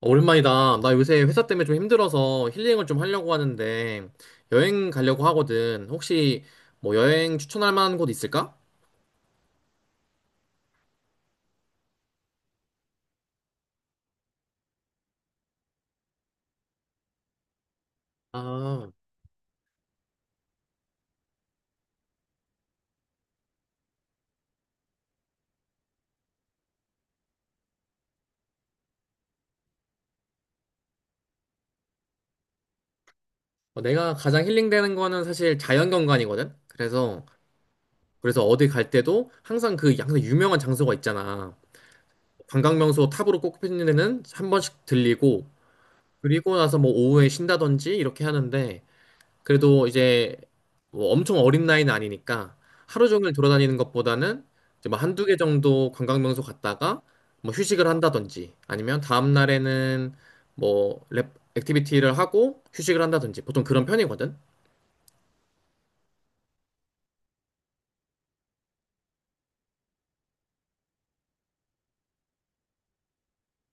오랜만이다. 나 요새 회사 때문에 좀 힘들어서 힐링을 좀 하려고 하는데 여행 가려고 하거든. 혹시 뭐 여행 추천할 만한 곳 있을까? 아, 어, 내가 가장 힐링되는 거는 사실 자연경관이거든. 그래서 어디 갈 때도 항상 유명한 장소가 있잖아. 관광명소 탑으로 꼽히는 데는 한 번씩 들리고, 그리고 나서 뭐 오후에 쉰다든지 이렇게 하는데, 그래도 이제 뭐 엄청 어린 나이는 아니니까 하루 종일 돌아다니는 것보다는 이제 뭐 한두 개 정도 관광명소 갔다가 뭐 휴식을 한다든지, 아니면 다음 날에는 뭐 액티비티를 하고 휴식을 한다든지 보통 그런 편이거든.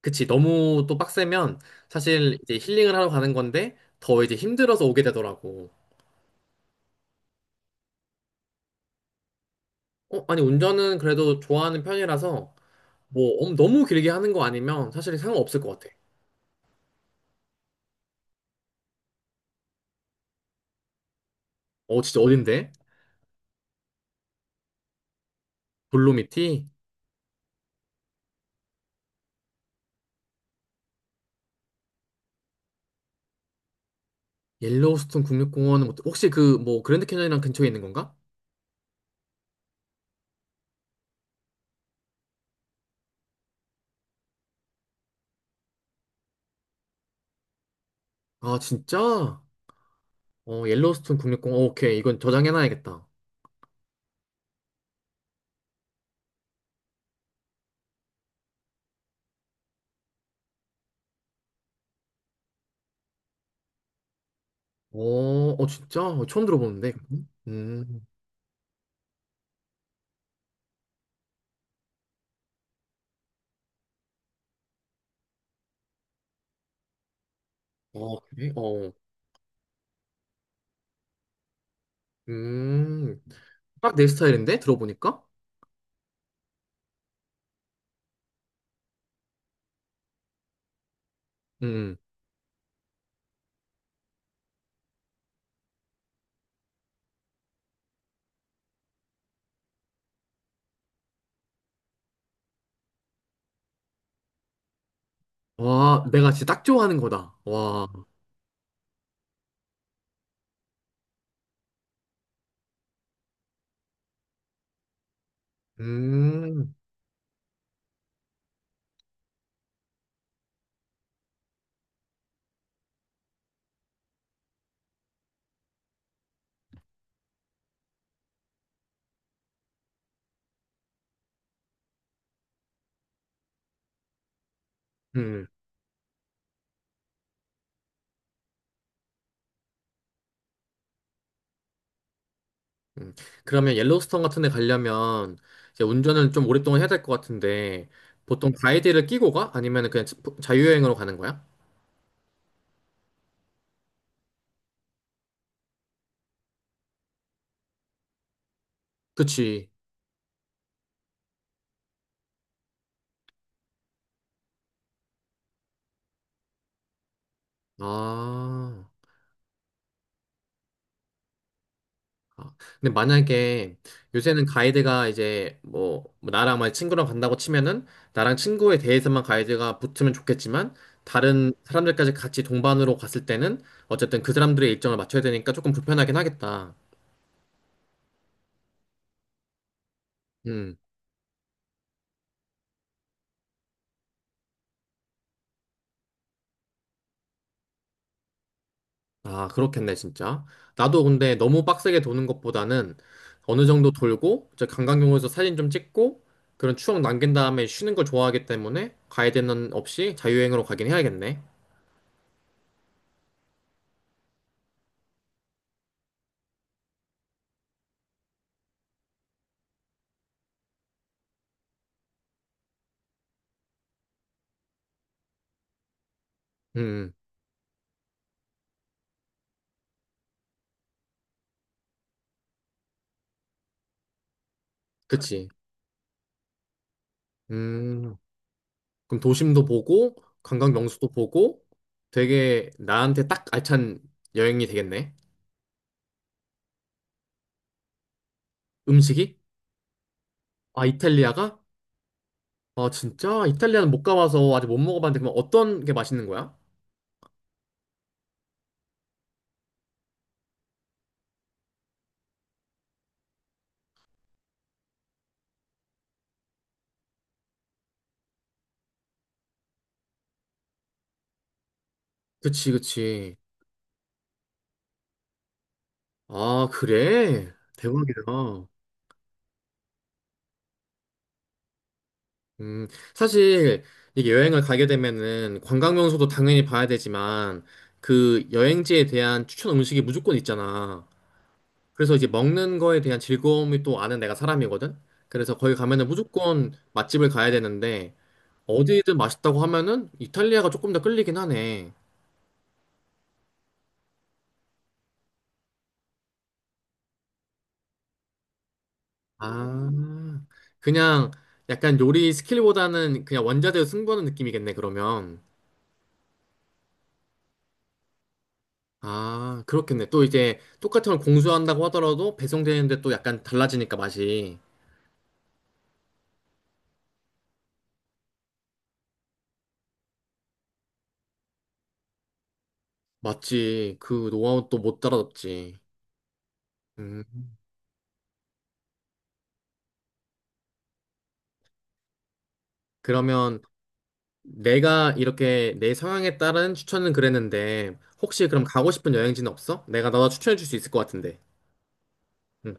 그치. 너무 또 빡세면 사실 이제 힐링을 하러 가는 건데 더 이제 힘들어서 오게 되더라고. 어, 아니, 운전은 그래도 좋아하는 편이라서 뭐 너무 길게 하는 거 아니면 사실 상관없을 것 같아. 어, 진짜 어딘데? 돌로미티? 옐로우스톤 국립공원은 혹시 그 뭐 그랜드 캐년이랑 근처에 있는 건가? 아 진짜? 어, 옐로우스톤 국립공원, 오케이, 이건 저장해놔야겠다. 어, 어 진짜? 어, 처음 들어보는데. 음, 어 그래? 어, 음, 딱 내 스타일인데 들어보니까. 음, 와, 내가 진짜 딱 좋아하는 거다. 와, 음, 음, 음. 그러면 옐로우스톤 같은 데 가려면 이제 운전을 좀 오랫동안 해야 될 것 같은데, 보통 가이드를 끼고 가? 아니면 그냥 자유여행으로 가는 거야? 그치. 아. 아. 근데 만약에 요새는 가이드가 이제 뭐 나랑 만 친구랑 간다고 치면은 나랑 친구에 대해서만 가이드가 붙으면 좋겠지만, 다른 사람들까지 같이 동반으로 갔을 때는 어쨌든 그 사람들의 일정을 맞춰야 되니까 조금 불편하긴 하겠다. 음. 아, 그렇겠네, 진짜. 나도 근데 너무 빡세게 도는 것보다는 어느 정도 돌고 저 관광용으로서 사진 좀 찍고 그런 추억 남긴 다음에 쉬는 걸 좋아하기 때문에 가이드는 없이 자유여행으로 가긴 해야겠네. 음. 그치. 음. 그럼 도심도 보고, 관광 명소도 보고, 되게 나한테 딱 알찬 여행이 되겠네. 음식이? 아, 이탈리아가? 아, 진짜? 이탈리아는 못 가봐서 아직 못 먹어봤는데, 그럼 어떤 게 맛있는 거야? 그치, 그치. 아, 그래? 대박이다. 음. 사실, 이게 여행을 가게 되면은 관광 명소도 당연히 봐야 되지만, 그 여행지에 대한 추천 음식이 무조건 있잖아. 그래서 이제 먹는 거에 대한 즐거움이 또 아는 내가 사람이거든. 그래서 거기 가면은 무조건 맛집을 가야 되는데, 어디든 맛있다고 하면은 이탈리아가 조금 더 끌리긴 하네. 아, 그냥 약간 요리 스킬보다는 그냥 원자재로 승부하는 느낌이겠네, 그러면. 아, 그렇겠네. 또 이제 똑같은 걸 공수한다고 하더라도 배송되는데 또 약간 달라지니까 맛이. 맞지. 그 노하우 또 못 따라잡지. 음, 그러면 내가 이렇게 내 성향에 따른 추천은 그랬는데, 혹시 그럼 가고 싶은 여행지는 없어? 내가 너 추천해 줄 수 있을 것 같은데. 응.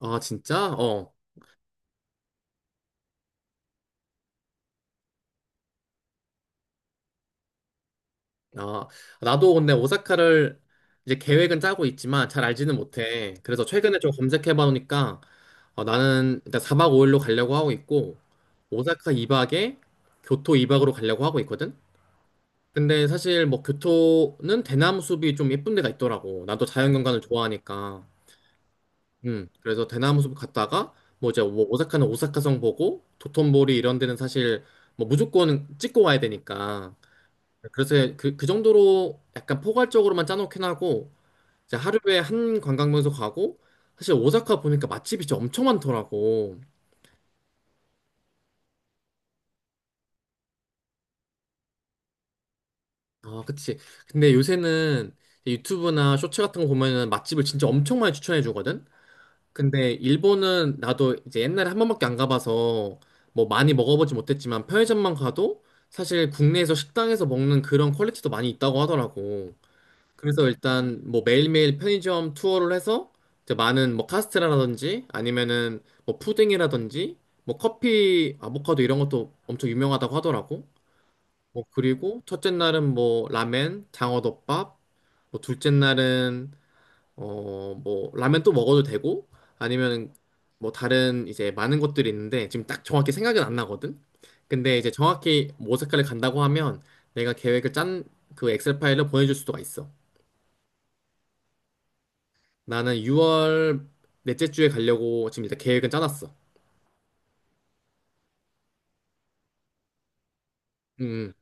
아 진짜? 어. 아, 나도 근데 오사카를 이제 계획은 짜고 있지만 잘 알지는 못해. 그래서 최근에 좀 검색해 봐 놓으니까, 어, 나는 일단 4박 5일로 가려고 하고 있고, 오사카 2박에 교토 2박으로 가려고 하고 있거든. 근데 사실 뭐 교토는 대나무 숲이 좀 예쁜 데가 있더라고. 나도 자연경관을 좋아하니까. 그래서 대나무숲 갔다가 뭐 이제 뭐 오사카는 오사카성 보고 도톤보리 이런 데는 사실 뭐 무조건 찍고 와야 되니까, 그래서 그 정도로 약간 포괄적으로만 짜놓긴 하고 이제 하루에 한 관광명소 가고, 사실 오사카 보니까 맛집이 진짜 엄청 많더라고. 아, 그치. 근데 요새는 유튜브나 쇼츠 같은 거 보면은 맛집을 진짜 엄청 많이 추천해 주거든. 근데 일본은 나도 이제 옛날에 한 번밖에 안 가봐서 뭐 많이 먹어보지 못했지만 편의점만 가도 사실 국내에서 식당에서 먹는 그런 퀄리티도 많이 있다고 하더라고. 그래서 일단 뭐 매일매일 편의점 투어를 해서 이제 많은 뭐 카스테라라든지, 아니면은 뭐 푸딩이라든지 뭐 커피, 아보카도 이런 것도 엄청 유명하다고 하더라고. 뭐 그리고 첫째 날은 뭐 라멘, 장어덮밥, 뭐 둘째 날은 뭐, 라면 또 먹어도 되고, 아니면 뭐 다른 이제 많은 것들이 있는데, 지금 딱 정확히 생각은 안 나거든? 근데 이제 정확히 뭐 색깔을 간다고 하면, 내가 계획을 짠 그 엑셀 파일을 보내줄 수가 있어. 나는 6월 넷째 주에 가려고 지금 일단 계획은 짜놨어. 음,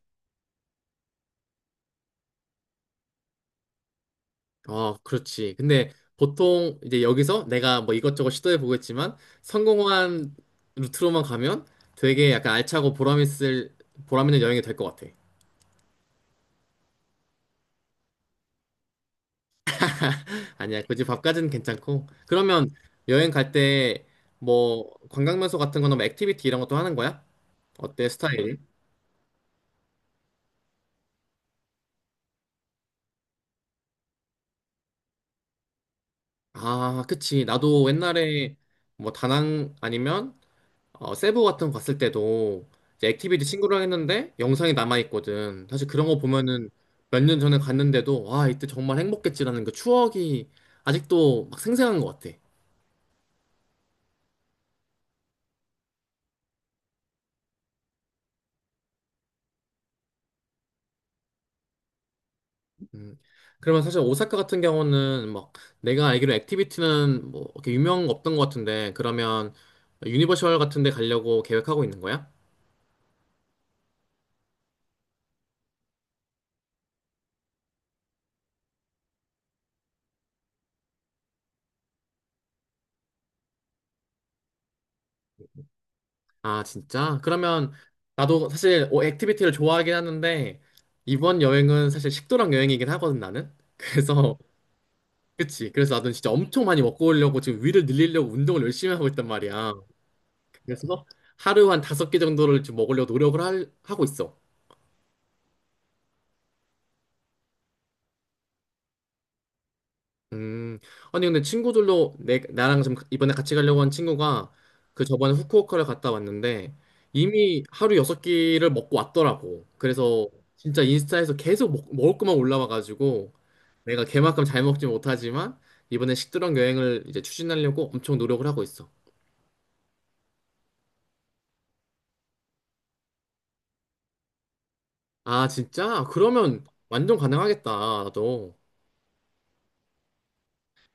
어, 그렇지. 근데 보통 이제 여기서 내가 뭐 이것저것 시도해 보겠지만, 성공한 루트로만 가면 되게 약간 알차고 보람 있을, 보람 있는 여행이 될 것 같아. 아니야, 굳이 밥까지는 괜찮고. 그러면 여행 갈 때 뭐 관광명소 같은 거나 뭐 액티비티 이런 것도 하는 거야? 어때, 스타일이? 아, 그치. 나도 옛날에 뭐 다낭 아니면 어, 세부 같은 거 갔을 때도 이제 액티비티 친구랑 했는데 영상이 남아있거든. 사실 그런 거 보면은 몇 년 전에 갔는데도 와, 이때 정말 행복했지라는 그 추억이 아직도 막 생생한 것 같아. 그러면 사실 오사카 같은 경우는 막 내가 알기로 액티비티는 뭐 이렇게 유명 없던 것 같은데, 그러면 유니버셜 같은 데 가려고 계획하고 있는 거야? 아 진짜? 그러면 나도 사실 어, 액티비티를 좋아하긴 하는데 이번 여행은 사실 식도락 여행이긴 하거든, 나는. 그래서 그치, 그래서 나도 진짜 엄청 많이 먹고 오려고 지금 위를 늘리려고 운동을 열심히 하고 있단 말이야. 그래서 하루 한 다섯 개 정도를 지금 먹으려고 노력을 하고 있어. 음, 아니 근데 친구들로 내 나랑 좀 이번에 같이 가려고 한 친구가 그 저번에 후쿠오카를 갔다 왔는데 이미 하루 여섯 끼를 먹고 왔더라고. 그래서 진짜 인스타에서 계속 먹, 먹을 것만 올라와가지고 내가 걔만큼 잘 먹지 못하지만 이번에 식도락 여행을 이제 추진하려고 엄청 노력을 하고 있어. 아 진짜? 그러면 완전 가능하겠다. 나도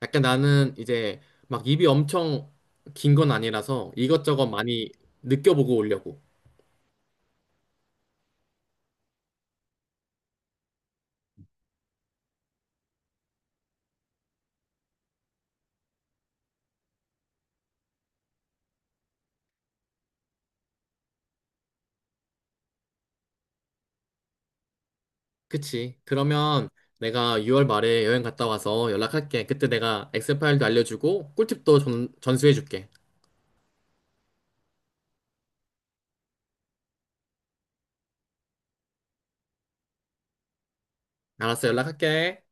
약간 나는 이제 막 입이 엄청 긴 건 아니라서 이것저것 많이 느껴보고 오려고. 그치. 그러면 내가 6월 말에 여행 갔다 와서 연락할게. 그때 내가 엑셀 파일도 알려주고 꿀팁도 전, 전수해줄게. 알았어, 연락할게.